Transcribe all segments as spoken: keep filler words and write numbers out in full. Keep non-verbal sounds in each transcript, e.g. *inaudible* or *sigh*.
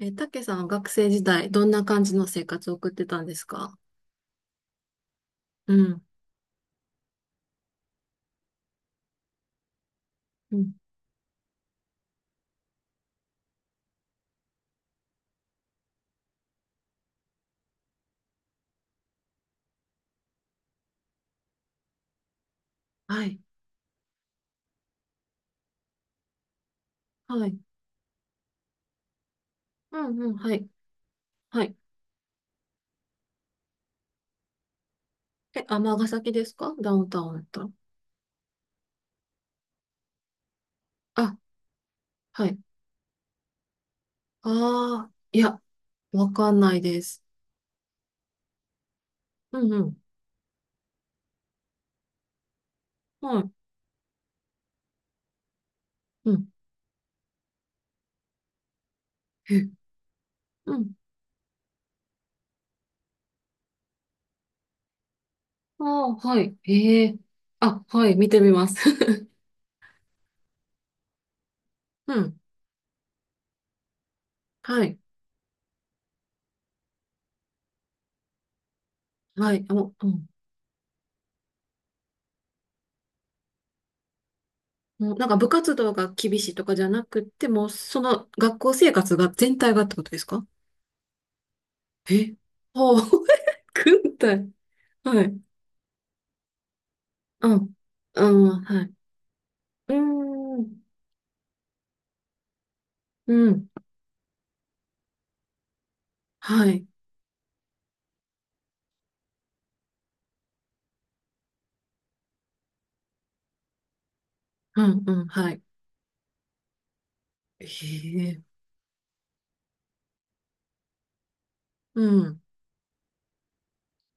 え、たけさん、は学生時代、どんな感じの生活を送ってたんですか？うん。うん。はい。はい。うんうん。はい。はい。え、尼崎ですか？ダウンタウンだったら。あ、はい。ああ、いや、わかんないです。うんうん。はい。うん。え、うん。ああ、はい。ええ。あ、はい。見てみます。*laughs* うん。はい。はい。あ、もう、うん。もうなんか部活動が厳しいとかじゃなくて、もうその学校生活が全体がってことですか？え。はあ、*laughs* 軍隊。はい。うん。うん、はい。うーん。うん。はい。うん、うん、はい。へえ。うん。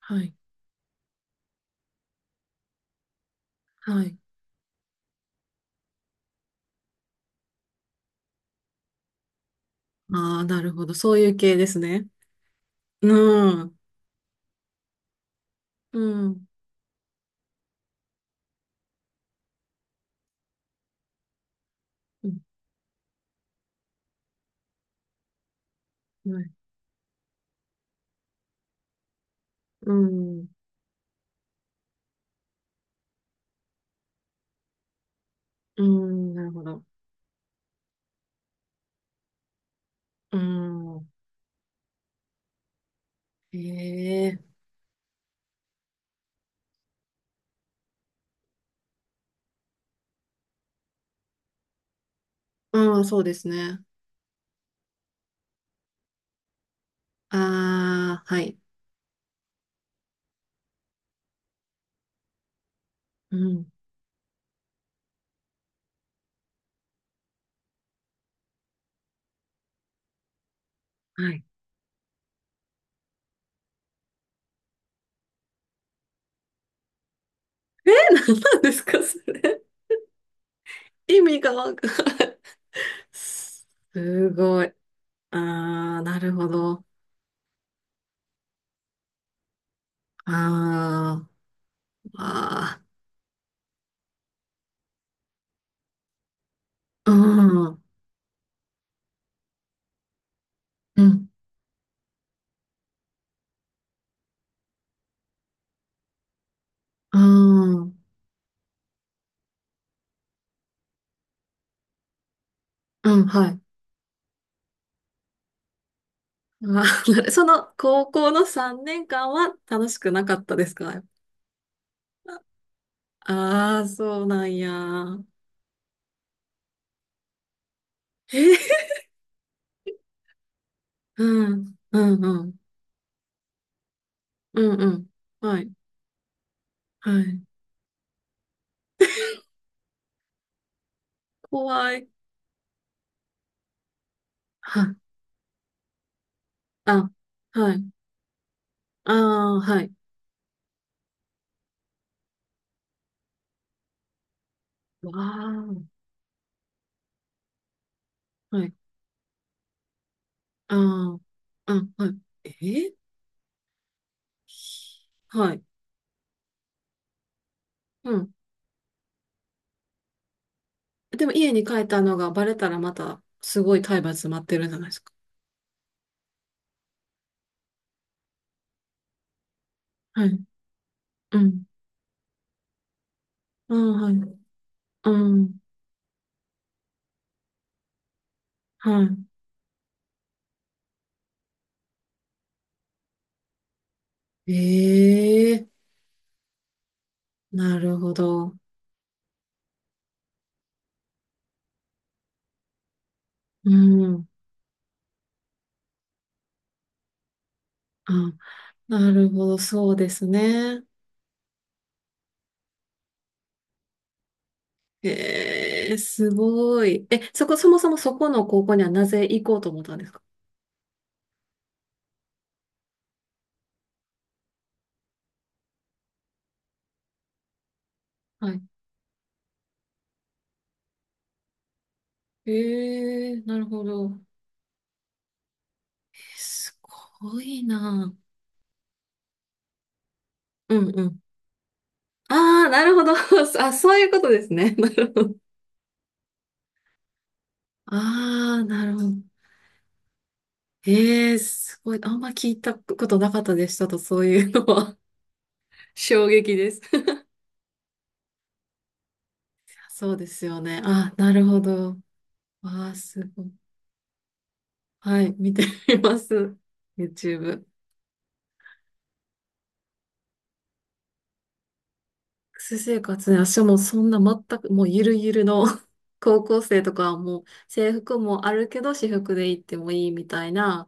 はい。はい。ああ、なるほど。そういう系ですね。うん。うん。うん。はい。うん。うん。なるほど。うん。へえ。うん、そうですね。ああ、はい。うん。はい。*laughs* え、何なんですか、それ。意味がわかんない。すごい。ああ、なるほど。あー。あー、うん、うん、うん、うん、はい。あー *laughs* なるその高校のさんねんかんは楽しくなかったですか？あ *laughs* あー、そうなんや。えー、*laughs* うん、うん、うん、うん、うん。はい、はい。怖い。はあ、はい、ああ、はい。わあ、はい、ああ、うん、はい。えー *laughs* はい、うん。でも家に帰ったのがバレたらまたすごい体罰待ってるんじゃないですか。はい。うん。ああ、はい。うん。はい。ええ、なるほど。うん。あ、なるほど。そうですね。ええ、すごい。え、そこ、そもそもそこの高校にはなぜ行こうと思ったんですか？はい。ええ、なるほど。すごいな。うんうん。ああ、なるほど。*laughs* あ、そういうことですね。*laughs* なるほど。ああ、なるほど。ええ、すごい。あんま聞いたことなかったでしたと、そういうのは？ *laughs* 衝撃です。 *laughs* そうですよね。あ、なるほど。わあ、すごい。はい、見てみます。YouTube。学生生活ね、私もそんな全く、もうゆるゆるの *laughs* 高校生とかはもう制服もあるけど、私服で行ってもいいみたいな、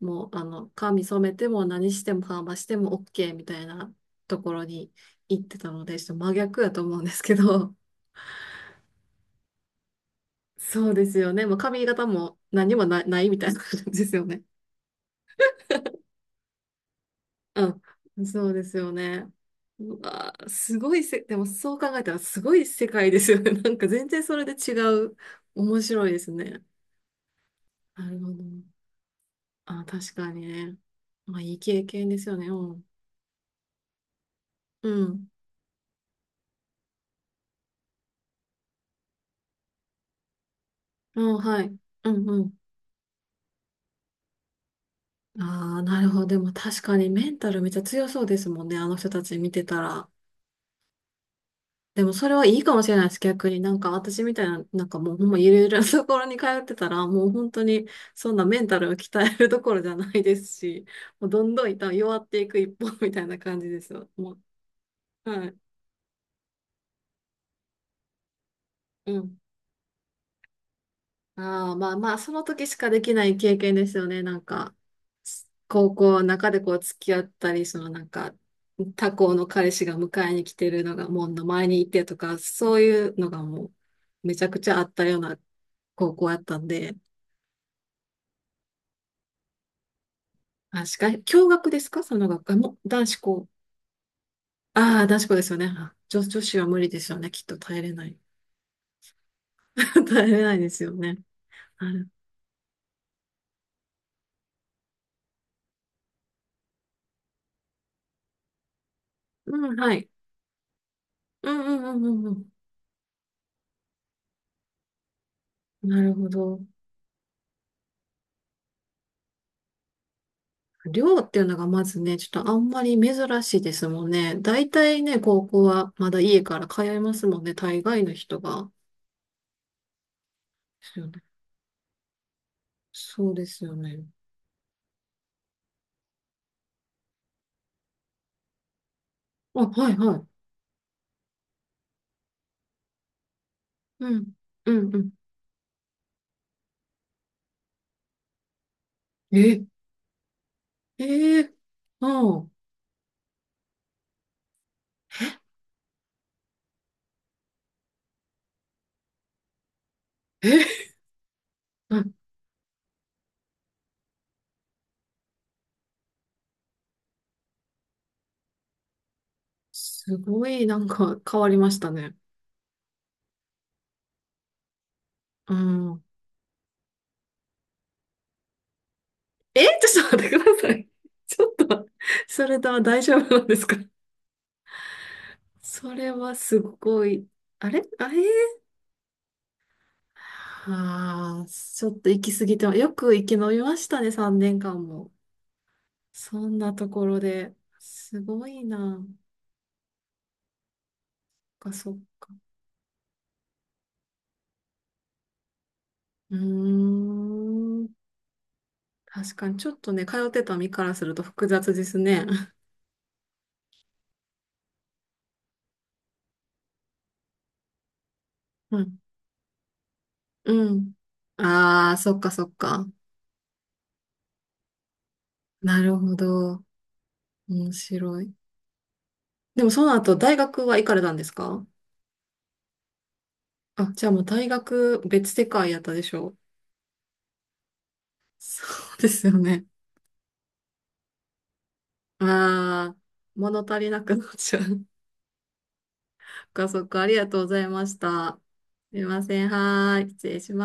もう、あの、髪染めても何してもパーマしても OK みたいなところに行ってたので、ちょっと真逆やと思うんですけど、そうですよね。もう髪型も何もな、ないみたいな感じですよね。うん。そうですよね。うわー、すごいせ、でもそう考えたらすごい世界ですよね。*laughs* なんか全然それで違う。面白いですね。なるほど。あ、確かにね。まあ、いい経験ですよね。うん。うん。うん、はい。うんうん。ああ、なるほど。でも確かにメンタルめっちゃ強そうですもんね。あの人たち見てたら。でもそれはいいかもしれないです。逆になんか私みたいな、なんかもうほんまゆるゆるな *laughs* ところに通ってたら、もう本当にそんなメンタルを鍛えるどころじゃないですし、もうどんどん多分弱っていく一方 *laughs* みたいな感じですよ。もう、はい。うん。ああ、まあまあ、その時しかできない経験ですよね。なんか、高校の中でこう付き合ったり、そのなんか、他校の彼氏が迎えに来てるのが門の前にいてとか、そういうのがもうめちゃくちゃあったような高校やったんで、確かに。共学ですか？その学科も。男子校？ああ、男子校ですよね。あ、女、女子は無理ですよね。きっと耐えれない。*laughs* 耐えれないですよね。ある。うん、はい。うんうんうんうんうん。なるほど。寮っていうのがまずね、ちょっとあんまり珍しいですもんね。大体ね、高校はまだ家から通いますもんね。大概の人が。ですよね。そうですよね。あ、はいはい。うん。うんうん。え、えー、ああ。え *laughs* すごいなんか変わりましたね。うん。え、*laughs* ちょっと待ってください。ちょっと、それとは大丈夫なんですか？それはすごい。あれあれ。ああー、ちょっと行き過ぎてま、よく生き延びましたね、さんねんかんも。そんなところで。すごいな。そっか、そっか。うーん。確かに、ちょっとね、通ってた身からすると複雑ですね。*laughs* うん。うん。ああ、そっか、そっか。なるほど。面白い。でもその後、大学は行かれたんですか？あ、じゃあもう大学別世界やったでしょ？そうですよね。ああ、物足りなくなっちゃう。そっかそっか、ありがとうございました。すいません。はーい。失礼します。